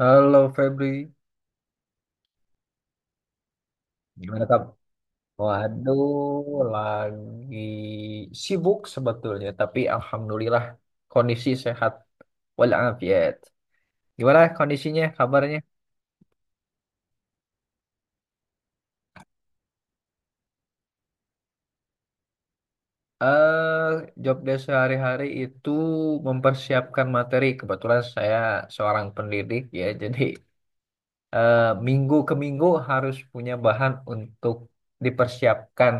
Halo Febri, gimana kamu? Waduh, lagi sibuk sebetulnya, tapi alhamdulillah kondisi sehat walafiat. Gimana kondisinya, kabarnya? Eh, Job desk sehari-hari itu mempersiapkan materi. Kebetulan saya seorang pendidik ya, jadi eh, minggu ke minggu harus punya bahan untuk dipersiapkan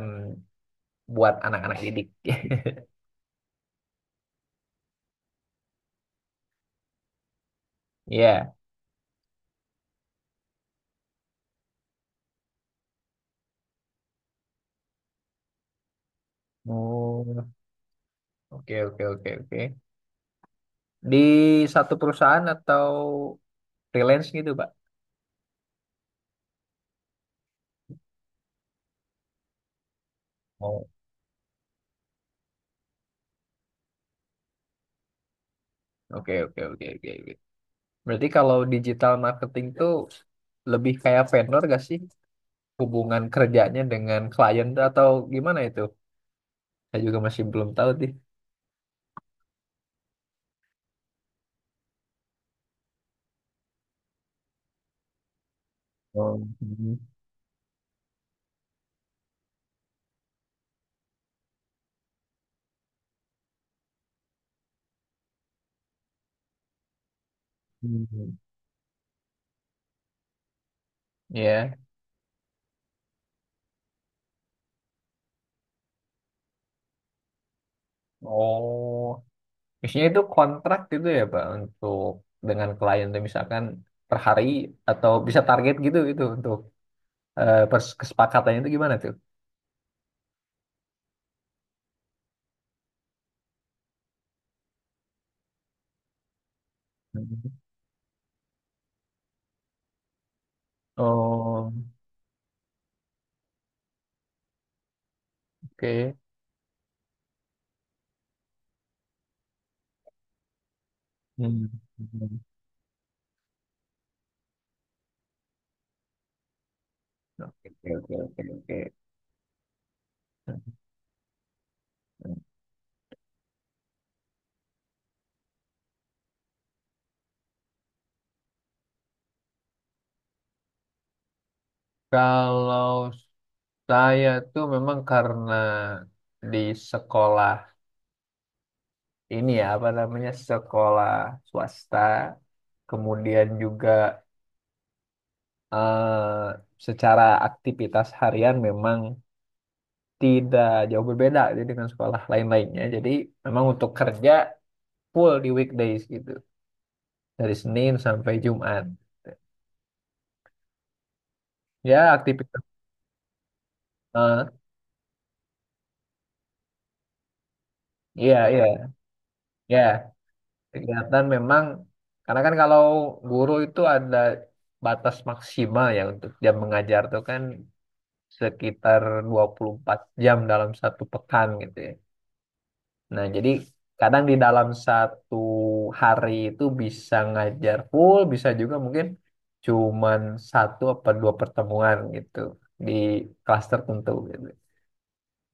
buat anak-anak didik. Ya. Oh, oke, oke, oke, oke. Di satu perusahaan atau freelance gitu, Pak? Oh. Oke, oke, oke, oke, oke. Berarti kalau digital marketing tuh lebih kayak vendor gak sih? Hubungan kerjanya dengan klien atau gimana itu? Saya juga masih belum tahu sih. Oh, hmm, hmm. Ya. Oh, misalnya itu kontrak gitu ya, Pak, untuk dengan klien tuh misalkan per hari atau bisa target gitu itu untuk kesepakatannya itu gimana tuh? Hmm. Oh, oke. Hmm. Oke, oke, oke, oke. Kalau saya tuh memang karena di sekolah ini ya, apa namanya, sekolah swasta, kemudian juga eh, secara aktivitas harian memang tidak jauh berbeda jadi dengan sekolah lain-lainnya. Jadi memang untuk kerja full di weekdays gitu, dari Senin sampai Jumat. Ya aktivitas, eh, iya, iya, ya. Kegiatan memang, karena kan kalau guru itu ada batas maksimal ya untuk jam mengajar tuh kan sekitar 24 jam dalam satu pekan gitu ya. Nah, jadi kadang di dalam satu hari itu bisa ngajar full, bisa juga mungkin cuman satu apa dua pertemuan gitu di kelas tertentu gitu.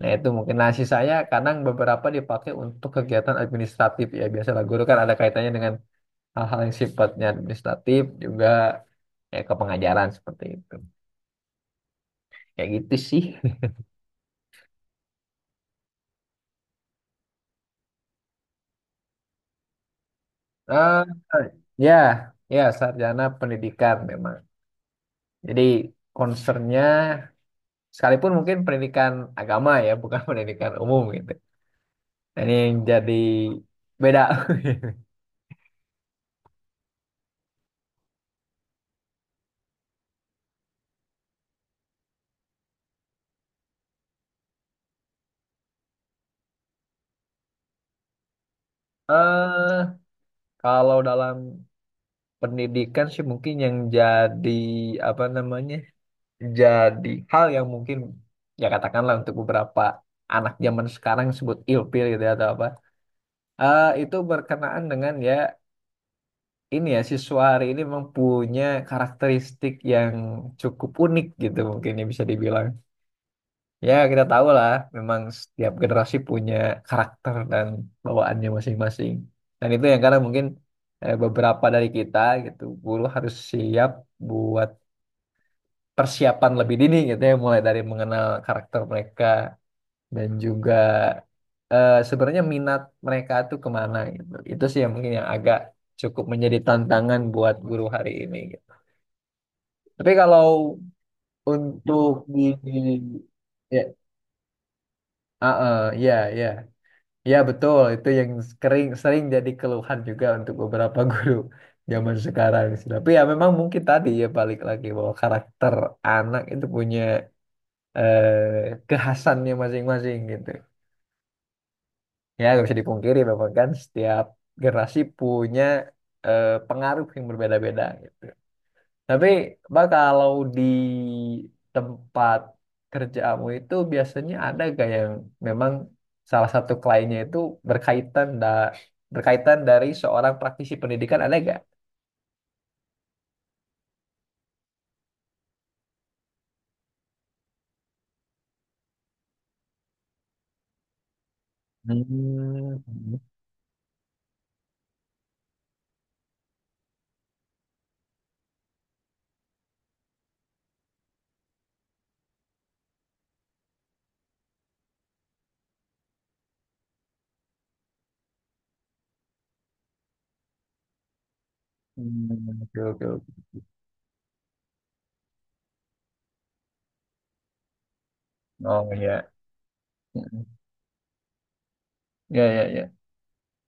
Nah, itu mungkin. Nasi saya kadang beberapa dipakai untuk kegiatan administratif ya. Biasalah guru kan ada kaitannya dengan hal-hal yang sifatnya administratif juga kayak ke pengajaran seperti itu kayak gitu sih. Ah, ya, ya, sarjana pendidikan memang, jadi concernnya sekalipun mungkin pendidikan agama ya, bukan pendidikan umum gitu. Nah, ini yang jadi beda. eh Kalau dalam pendidikan sih mungkin yang jadi apa namanya, jadi hal yang mungkin ya katakanlah untuk beberapa anak zaman sekarang sebut ilfil gitu ya, atau apa, itu berkenaan dengan ya ini ya, siswa hari ini memang punya karakteristik yang cukup unik gitu mungkin ya, bisa dibilang ya, kita tahu lah memang setiap generasi punya karakter dan bawaannya masing-masing, dan itu yang karena mungkin beberapa dari kita gitu, guru harus siap buat persiapan lebih dini gitu ya, mulai dari mengenal karakter mereka dan juga sebenarnya minat mereka tuh kemana gitu. Itu sih yang mungkin yang agak cukup menjadi tantangan buat guru hari ini gitu. Tapi kalau untuk ya, ah, ah, ya, ya, ya, betul. Itu yang sering sering jadi keluhan juga untuk beberapa guru zaman sekarang sih. Tapi ya memang mungkin tadi ya, balik lagi bahwa karakter anak itu punya kekhasannya masing-masing gitu. Ya, nggak bisa dipungkiri memang kan setiap generasi punya pengaruh yang berbeda-beda gitu. Tapi, Mbak, kalau di tempat kerjamu itu biasanya ada gak yang memang salah satu kliennya itu berkaitan da berkaitan dari seorang praktisi pendidikan, ada gak? Hmm. Hmm, oke, oke, oke. Oh, ya. Ya, ya, ya.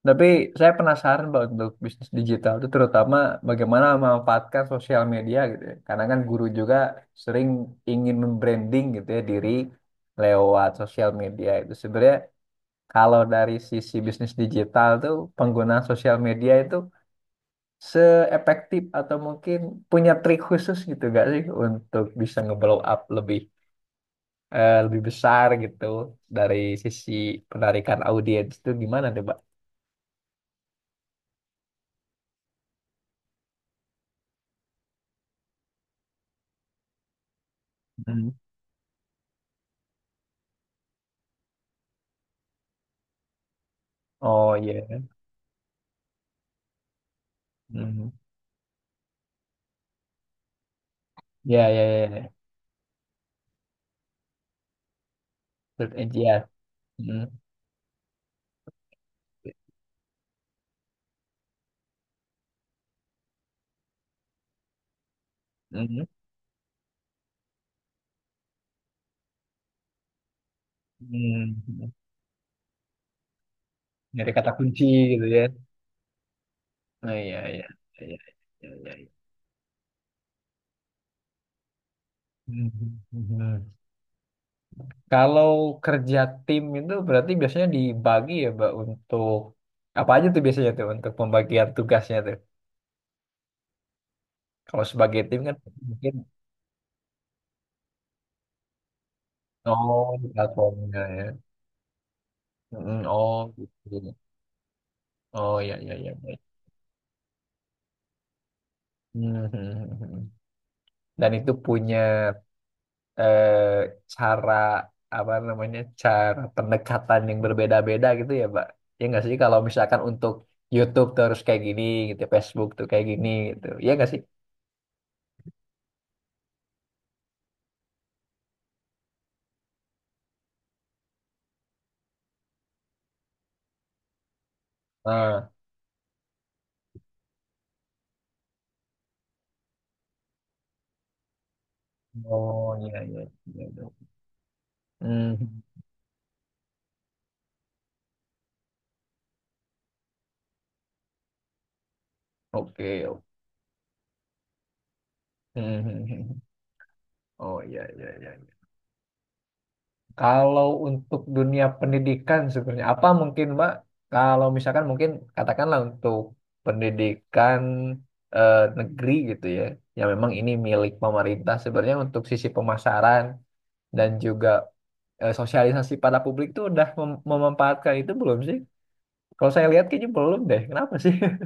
Tapi saya penasaran Pak, untuk bisnis digital itu terutama bagaimana memanfaatkan sosial media gitu ya. Karena kan guru juga sering ingin membranding gitu ya diri lewat sosial media itu. Sebenarnya kalau dari sisi bisnis digital tuh penggunaan sosial media itu seefektif atau mungkin punya trik khusus gitu gak sih untuk bisa nge-blow up lebih besar gitu dari sisi penarikan audiens itu gimana deh Pak? Hmm. Oh iya. Hmm. Ya, ya, ya, ya. Third edge, ya. Hmm. Hmm. Hmm. Hmm. Nyari kata kunci gitu ya. Oh, iya, iya. Iya, iya, iya, iya, iya. Hmm. Hmm. Hmm, hmm. Kalau kerja tim itu berarti biasanya dibagi ya, Mbak, untuk apa aja tuh biasanya tuh untuk pembagian tugasnya tuh. Kalau sebagai tim kan mungkin, oh di platformnya ya. Hmm, oh gitu, gitu. Oh, ya, ya, ya, baik. Hmm, hmm, hmm, hmm. Dan itu punya eh, cara, apa namanya, cara pendekatan yang berbeda-beda gitu ya Pak, ya nggak sih kalau misalkan untuk YouTube tuh harus kayak gini gitu, Facebook tuh kayak gini gitu, ya nggak sih? Ah, oh, iya, iya, iya, iya. Hmm, oke, oke. Hmm, hmm, hmm, hmm. Oh, iya, iya, iya. Kalau untuk dunia pendidikan sebenarnya apa mungkin Mbak? Kalau misalkan mungkin katakanlah untuk pendidikan negeri gitu ya, yang memang ini milik pemerintah, sebenarnya untuk sisi pemasaran dan juga sosialisasi pada publik itu udah memanfaatkan itu belum sih? Kalau saya lihat kayaknya belum deh. Kenapa sih?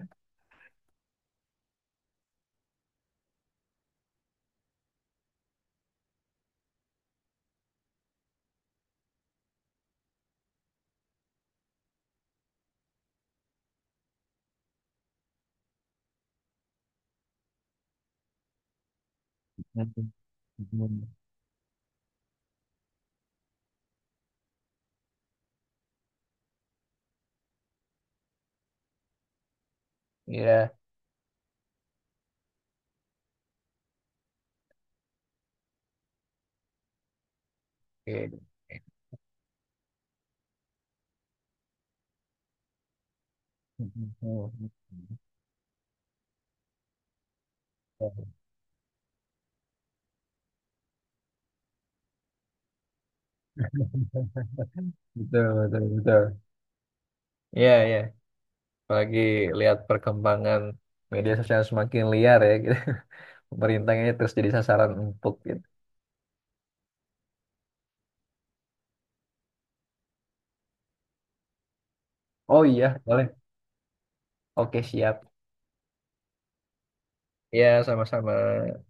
Iya. Oke. Betul, betul, betul. Iya, iya. Apalagi lihat perkembangan media sosial semakin liar ya gitu. Pemerintahnya terus jadi sasaran empuk gitu. Oh iya, boleh. Oke, siap. Ya, sama-sama.